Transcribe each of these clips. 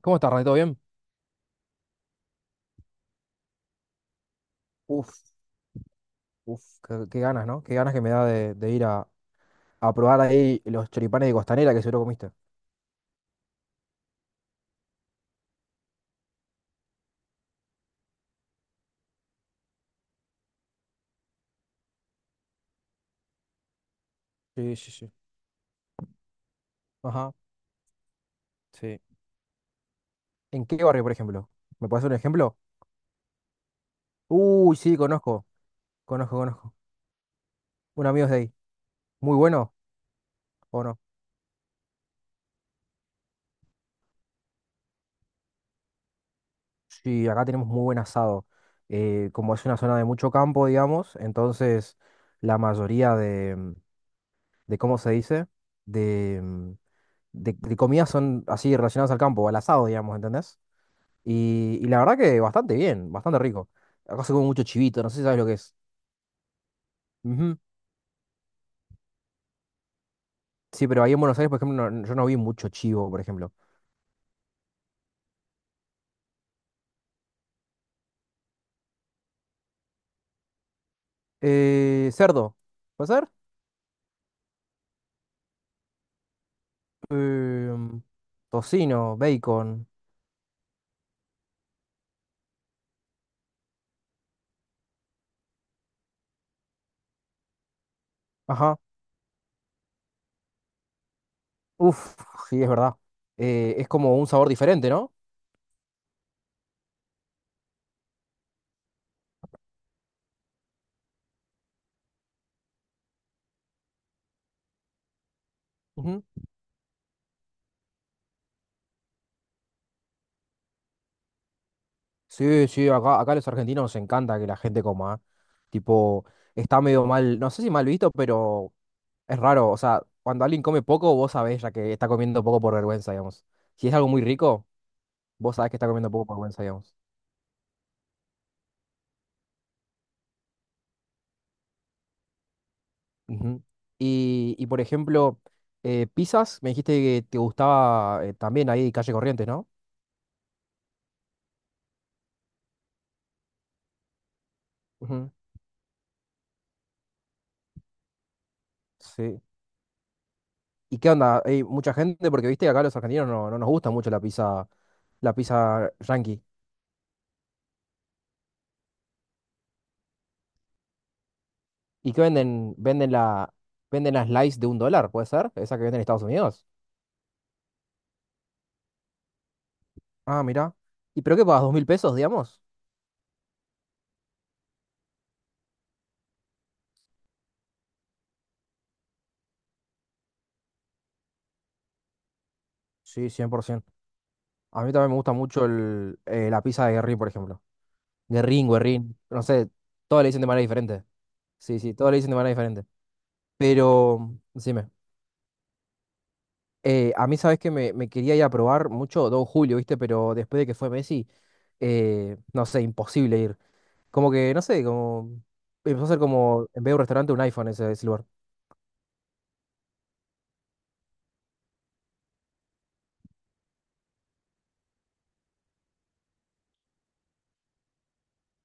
¿Cómo estás, René? ¿Todo bien? Uf, uf, qué ganas, ¿no? Qué ganas que me da de ir a probar ahí los choripanes de Costanera que seguro comiste. Sí, sí, sí. Ajá. Sí. ¿En qué barrio, por ejemplo? ¿Me puedes hacer un ejemplo? Uy, sí, conozco, conozco, conozco. Un amigo es de ahí. ¿Muy bueno o no? Sí, acá tenemos muy buen asado. Como es una zona de mucho campo, digamos, entonces la mayoría de, de, ¿cómo se dice? De, de comidas son así relacionadas al campo, al asado, digamos, ¿entendés? Y la verdad que bastante bien, bastante rico. Acá se come mucho chivito, no sé si sabes lo que es. Ujú. Sí, pero ahí en Buenos Aires, por ejemplo, no- yo no vi mucho chivo, por ejemplo. Cerdo, ¿puede ser? Em, tocino, bacon. Ajá. Uf, sí, es verdad. Es como un sabor diferente, ¿no? Ujú. Sí, sí, acá, acá a los argentinos nos encanta que la gente coma, ¿eh? Tipo, está medio mal, no sé si mal visto, pero es raro, o sea, cuando alguien come poco, vos sabés ya que está comiendo poco por vergüenza, digamos. Si es algo muy rico, vos sabés que está comiendo poco por vergüenza, digamos. Ujú. Y, por ejemplo, pizzas, me dijiste que te gustaba, también ahí Calle Corrientes, ¿no? Ujú. Sí. ¿Y qué onda? ¿Hay mucha gente? Porque viste que acá los argentinos no, no nos gusta mucho la pizza yankee. ¿Y qué venden? Venden la, venden las slice de un dólar, ¿puede ser? Esa que venden en Estados Unidos. Ah, mira. ¿Y pero qué pagas? ¿Dos mil pesos, digamos? Sí, 100%. A mí también me gusta mucho el, la pizza de Guerrín, por ejemplo. Guerrín, Guerrín, no sé, todos le dicen de manera diferente. Sí, sí, todos le dicen de manera diferente. Pero decime, a mí sabes que me quería ir a probar mucho Don Julio, ¿viste? Pero después de que fue Messi, no sé, imposible ir. Como que no sé, como... empezó a ser como, en vez de un restaurante, un iPhone ese, ese lugar.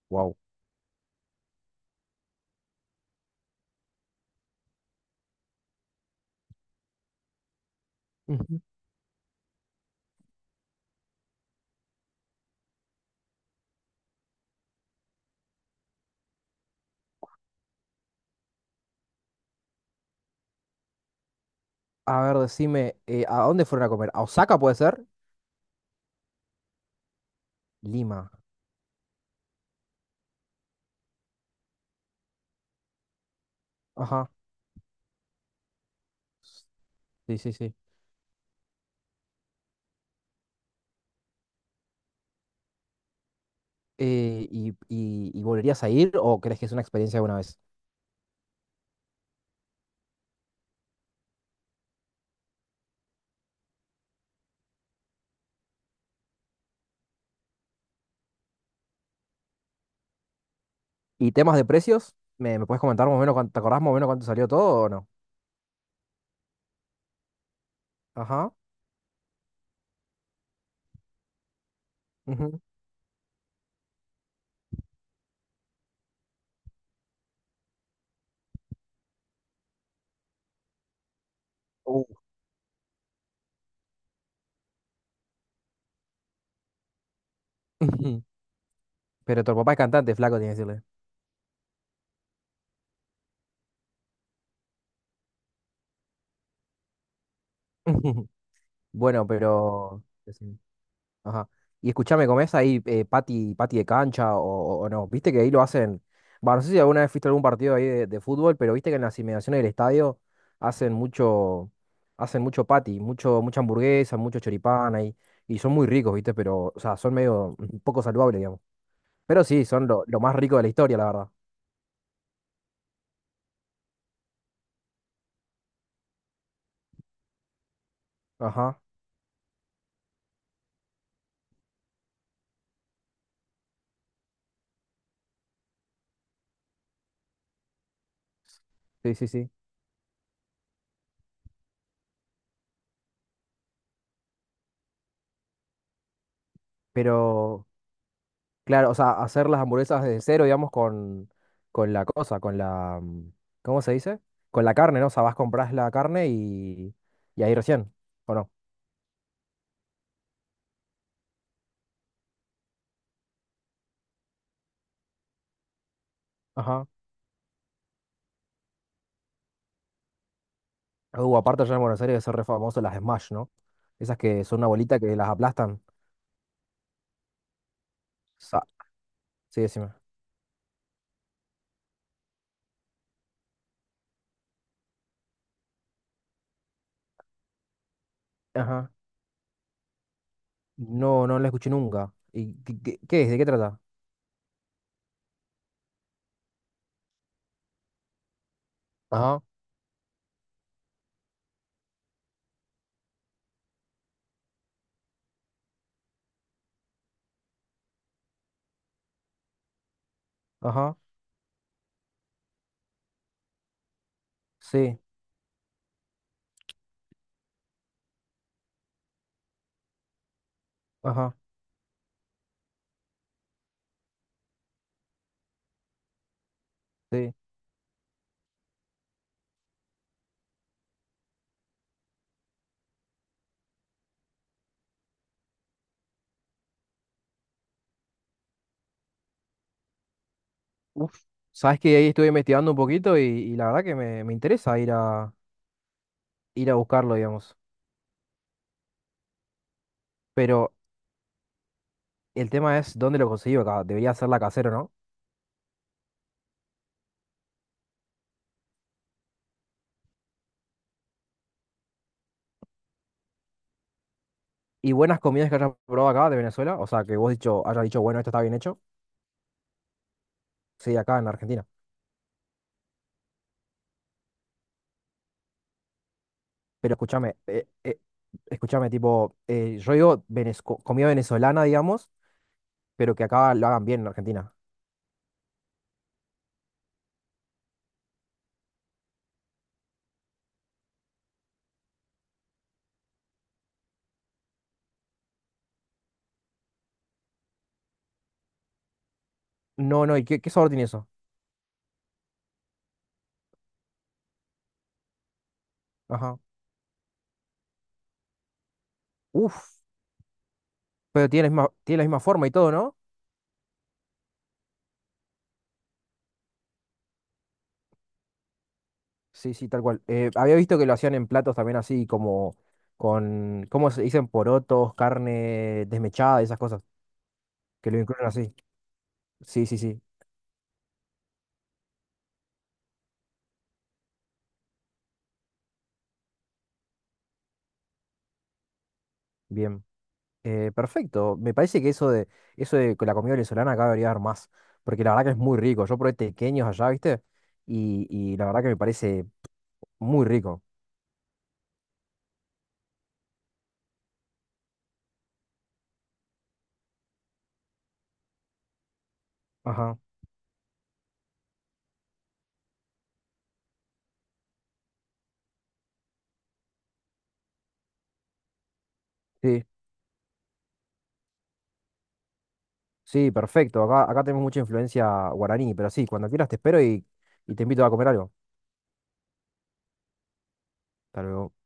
Wow. Ujú. A ver, decime, ¿a dónde fueron a comer? ¿A Osaka puede ser? Lima. Ajá. Sí, sí, sí. Y, y ¿volverías a ir o crees que es una experiencia de una vez? ¿Y temas de precios? ¿Me, me puedes comentar más o menos cuánto, te acordás más o menos cuánto salió todo o no? Ajá. Ujú. Uh. Pero tu papá es cantante, flaco, tiene que decirle. Bueno, pero... Ajá. Y escúchame, ¿comés ahí, pati, pati de cancha o no? Viste que ahí lo hacen. Bah, no sé si alguna vez fuiste a algún partido ahí de fútbol, pero viste que en las inmediaciones del estadio hacen mucho, hacen mucho pati, mucho, mucha hamburguesa, mucho choripán ahí. Y son muy ricos, ¿viste? Pero, o sea, son medio poco saludables, digamos. Pero sí, son lo más rico de la historia, la verdad. Ajá. Sí, sí, sí. Pero... claro, o sea, hacer las hamburguesas desde cero, digamos, con la cosa, con la... ¿cómo se dice? Con la carne, ¿no? O sea, vas, compras la carne y ahí recién, ¿o no? Ajá. Aparte allá en Buenos Aires son re famosos las Smash, ¿no? Esas que son una bolita que las aplastan. Sa- sí, decime. Ajá. No, no la escuché nunca. ¿Y qué, qué- qué es? ¿De qué trata? Ajá, ajá, sí, ajá, sí. Uf. Sabes que ahí estuve investigando un poquito y la verdad que me interesa ir a, ir a buscarlo, digamos. Pero el tema es dónde lo conseguí acá. Debería ser la casero, ¿no? Y buenas comidas que hayas probado acá de Venezuela. O sea, que vos dicho, hayas dicho, bueno, esto está bien hecho. Sí, acá en Argentina. Pero escúchame, escúchame, tipo, yo digo venez- co- comida venezolana, digamos, pero que acá lo hagan bien en Argentina. No, no, ¿y qué, qué sabor tiene eso? Ajá. Uf, pero tiene la misma forma y todo, ¿no? Sí, sí, tal cual. Había visto que lo hacían en platos también así, como con, ¿cómo se dicen? Porotos, carne desmechada, esas cosas, que lo incluyen así. Sí, sí, sí. Bien, perfecto. Me parece que eso de que la comida venezolana acá debería haber más, porque la verdad que es muy rico. Yo probé tequeños allá, ¿viste? Y la verdad que me parece muy rico. Ajá, sí, sí, perfecto. Acá, acá tenemos mucha influencia guaraní, pero sí, cuando quieras te espero y te invito a comer algo. Tal vez